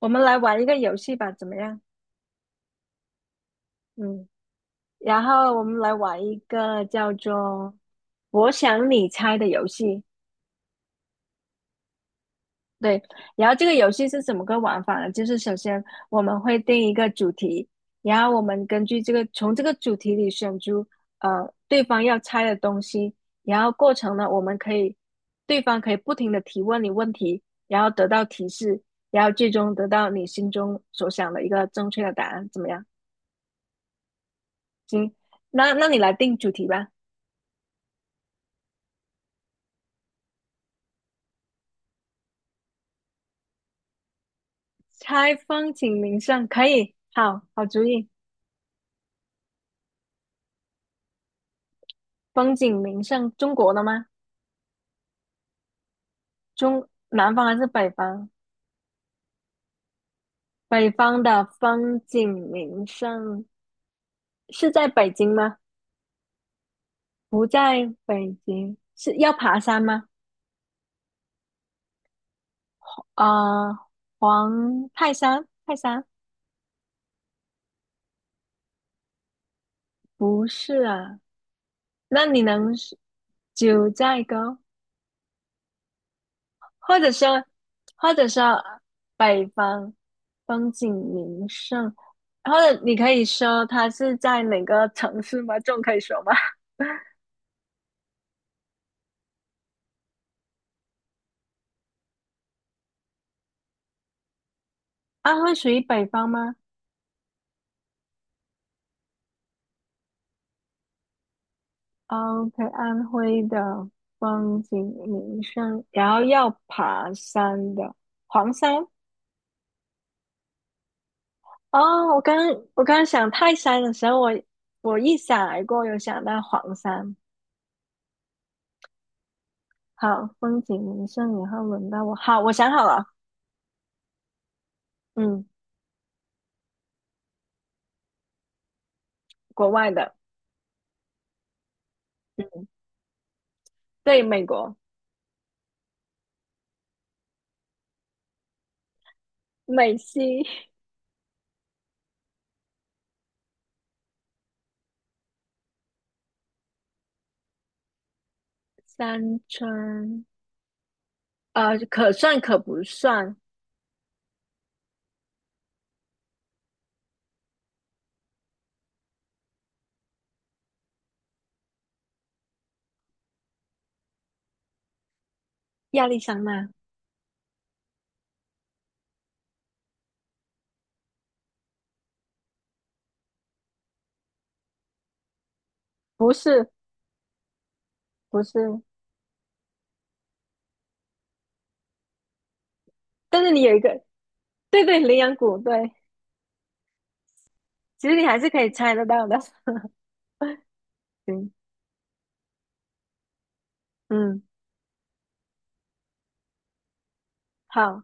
我们来玩一个游戏吧，怎么样？嗯，我们来玩一个叫做“我想你猜”的游戏。对，然后这个游戏是怎么个玩法呢？就是首先我们会定一个主题，然后我们根据这个从这个主题里选出对方要猜的东西，然后过程呢，我们可以对方可以不停的提问你问题，然后得到提示，然后最终得到你心中所想的一个正确的答案，怎么样？行，那你来定主题吧。猜风景名胜可以，好好主意。风景名胜，中国的吗？中南方还是北方？北方的风景名胜是在北京吗？不在北京，是要爬山吗？啊，黄泰山，泰山不是啊。那你能是九寨沟？或者说，或者说北方风景名胜，或者你可以说它是在哪个城市吗？这种可以说吗？安徽属于北方吗？OK,安徽的风景名胜，然后要爬山的黄山。哦，我刚想泰山的时候，我一闪而过，有想到黄山。好，风景名胜，然后轮到我。好，我想好了，嗯，国外的。嗯。对，美国美西三川，可算可不算亚利桑那？不是，不是，但是你有一个，对对，羚羊谷，对，其实你还是可以猜得到的。行，嗯，好，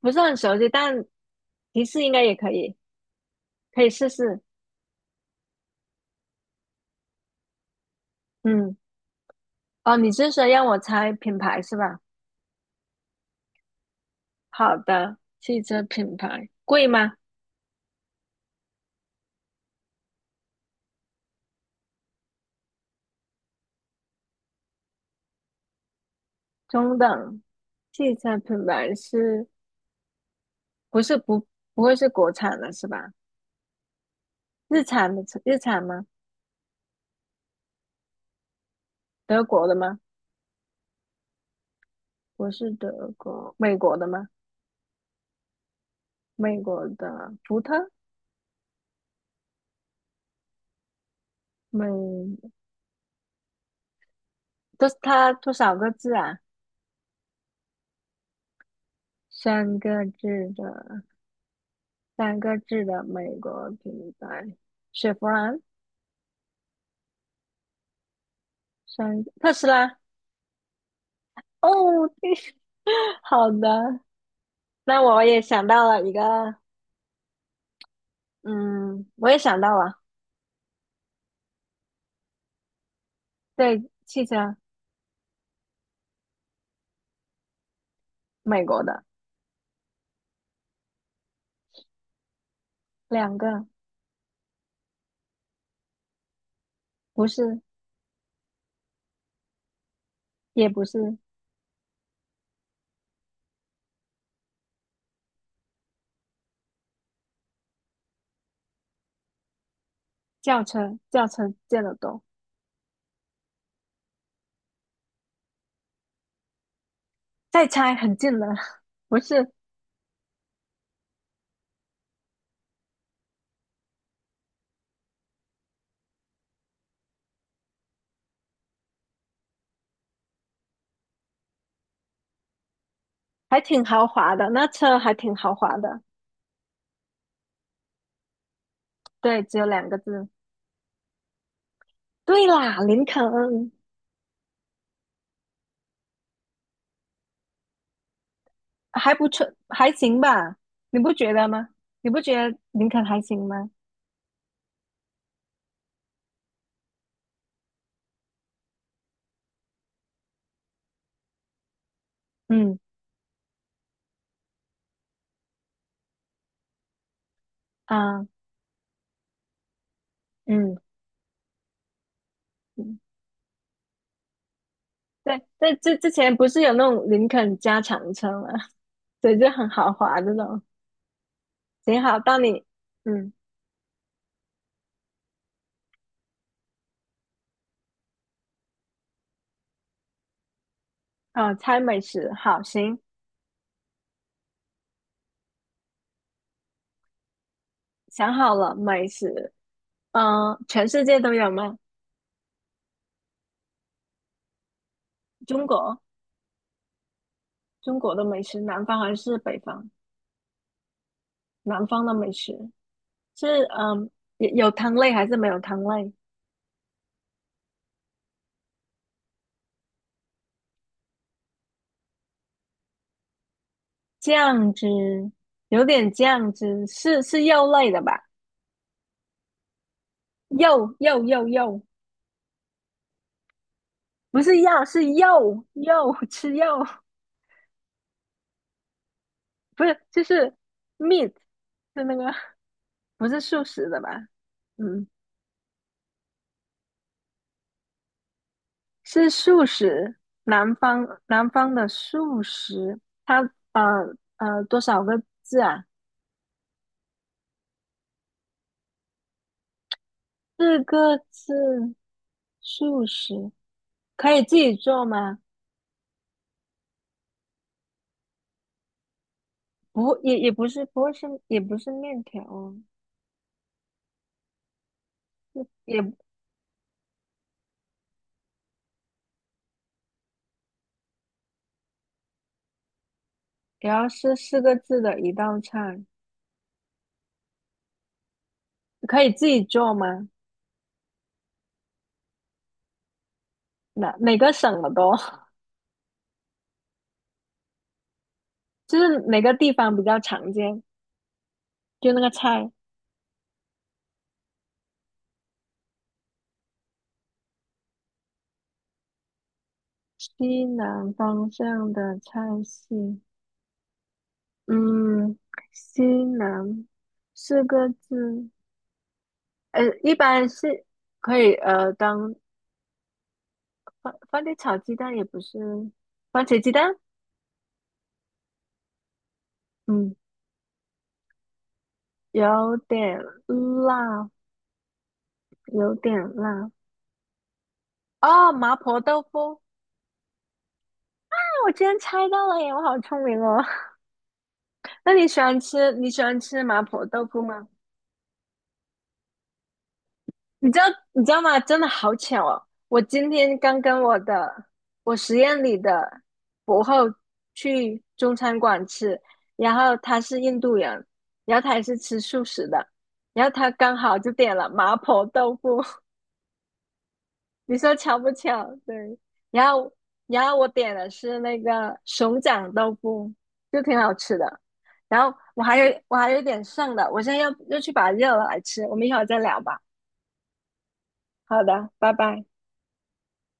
不是很熟悉，但提示应该也可以，可以试试。嗯，哦，你是说让我猜品牌是吧？好的，汽车品牌贵吗？中等，汽车品牌是不是不不会是国产的是吧？日产的日产吗？德国的吗？不是德国，美国的吗？美国的福特，美都是它多少个字啊？三个字的，三个字的美国品牌，雪佛兰，三特斯拉。哦，对 好的，那我也想到了一个，嗯，我也想到了，对，汽车，美国的两个，不是，也不是，轿车，轿车见得多。再猜很近了，不是，还挺豪华的，那车还挺豪华的。对，只有两个字。对啦，林肯还不错，还行吧？你不觉得吗？你不觉得林肯还行吗？嗯啊，嗯嗯，对，在之前不是有那种林肯加长车吗？对，就很豪华那种。行，好，到你，嗯，啊，猜美食，好，行，想好了，美食，嗯、全世界都有吗？中国。中国的美食，南方还是北方？南方的美食是嗯，有汤类还是没有汤类？酱汁有点酱汁，是肉类的吧？肉肉肉肉，不是药是肉肉吃肉，不是就是 meat 是那个不是素食的吧？嗯，是素食，南方的素食，它呃多少个字啊？四个字，素食可以自己做吗？不，也不是，不会是，也不是面条哦，也也要是四个字的一道菜，可以自己做吗？哪个省的多？就是哪个地方比较常见，就那个菜，西南方向的菜系，嗯，西南四个字，呃，一般是可以当番茄炒鸡蛋，也不是番茄鸡蛋，嗯。有点辣，有点辣。哦，麻婆豆腐。那我居然猜到了耶！我好聪明哦。那你喜欢吃你喜欢吃麻婆豆腐吗？你知道你知道吗？真的好巧哦！我今天刚跟我实验里的博后去中餐馆吃，然后他是印度人，然后他也是吃素食的，然后他刚好就点了麻婆豆腐。你说巧不巧？对，然后然后我点的是那个熊掌豆腐，就挺好吃的。然后我还有一点剩的，我现在要去把它热了来吃。我们一会儿再聊吧。好的，拜拜。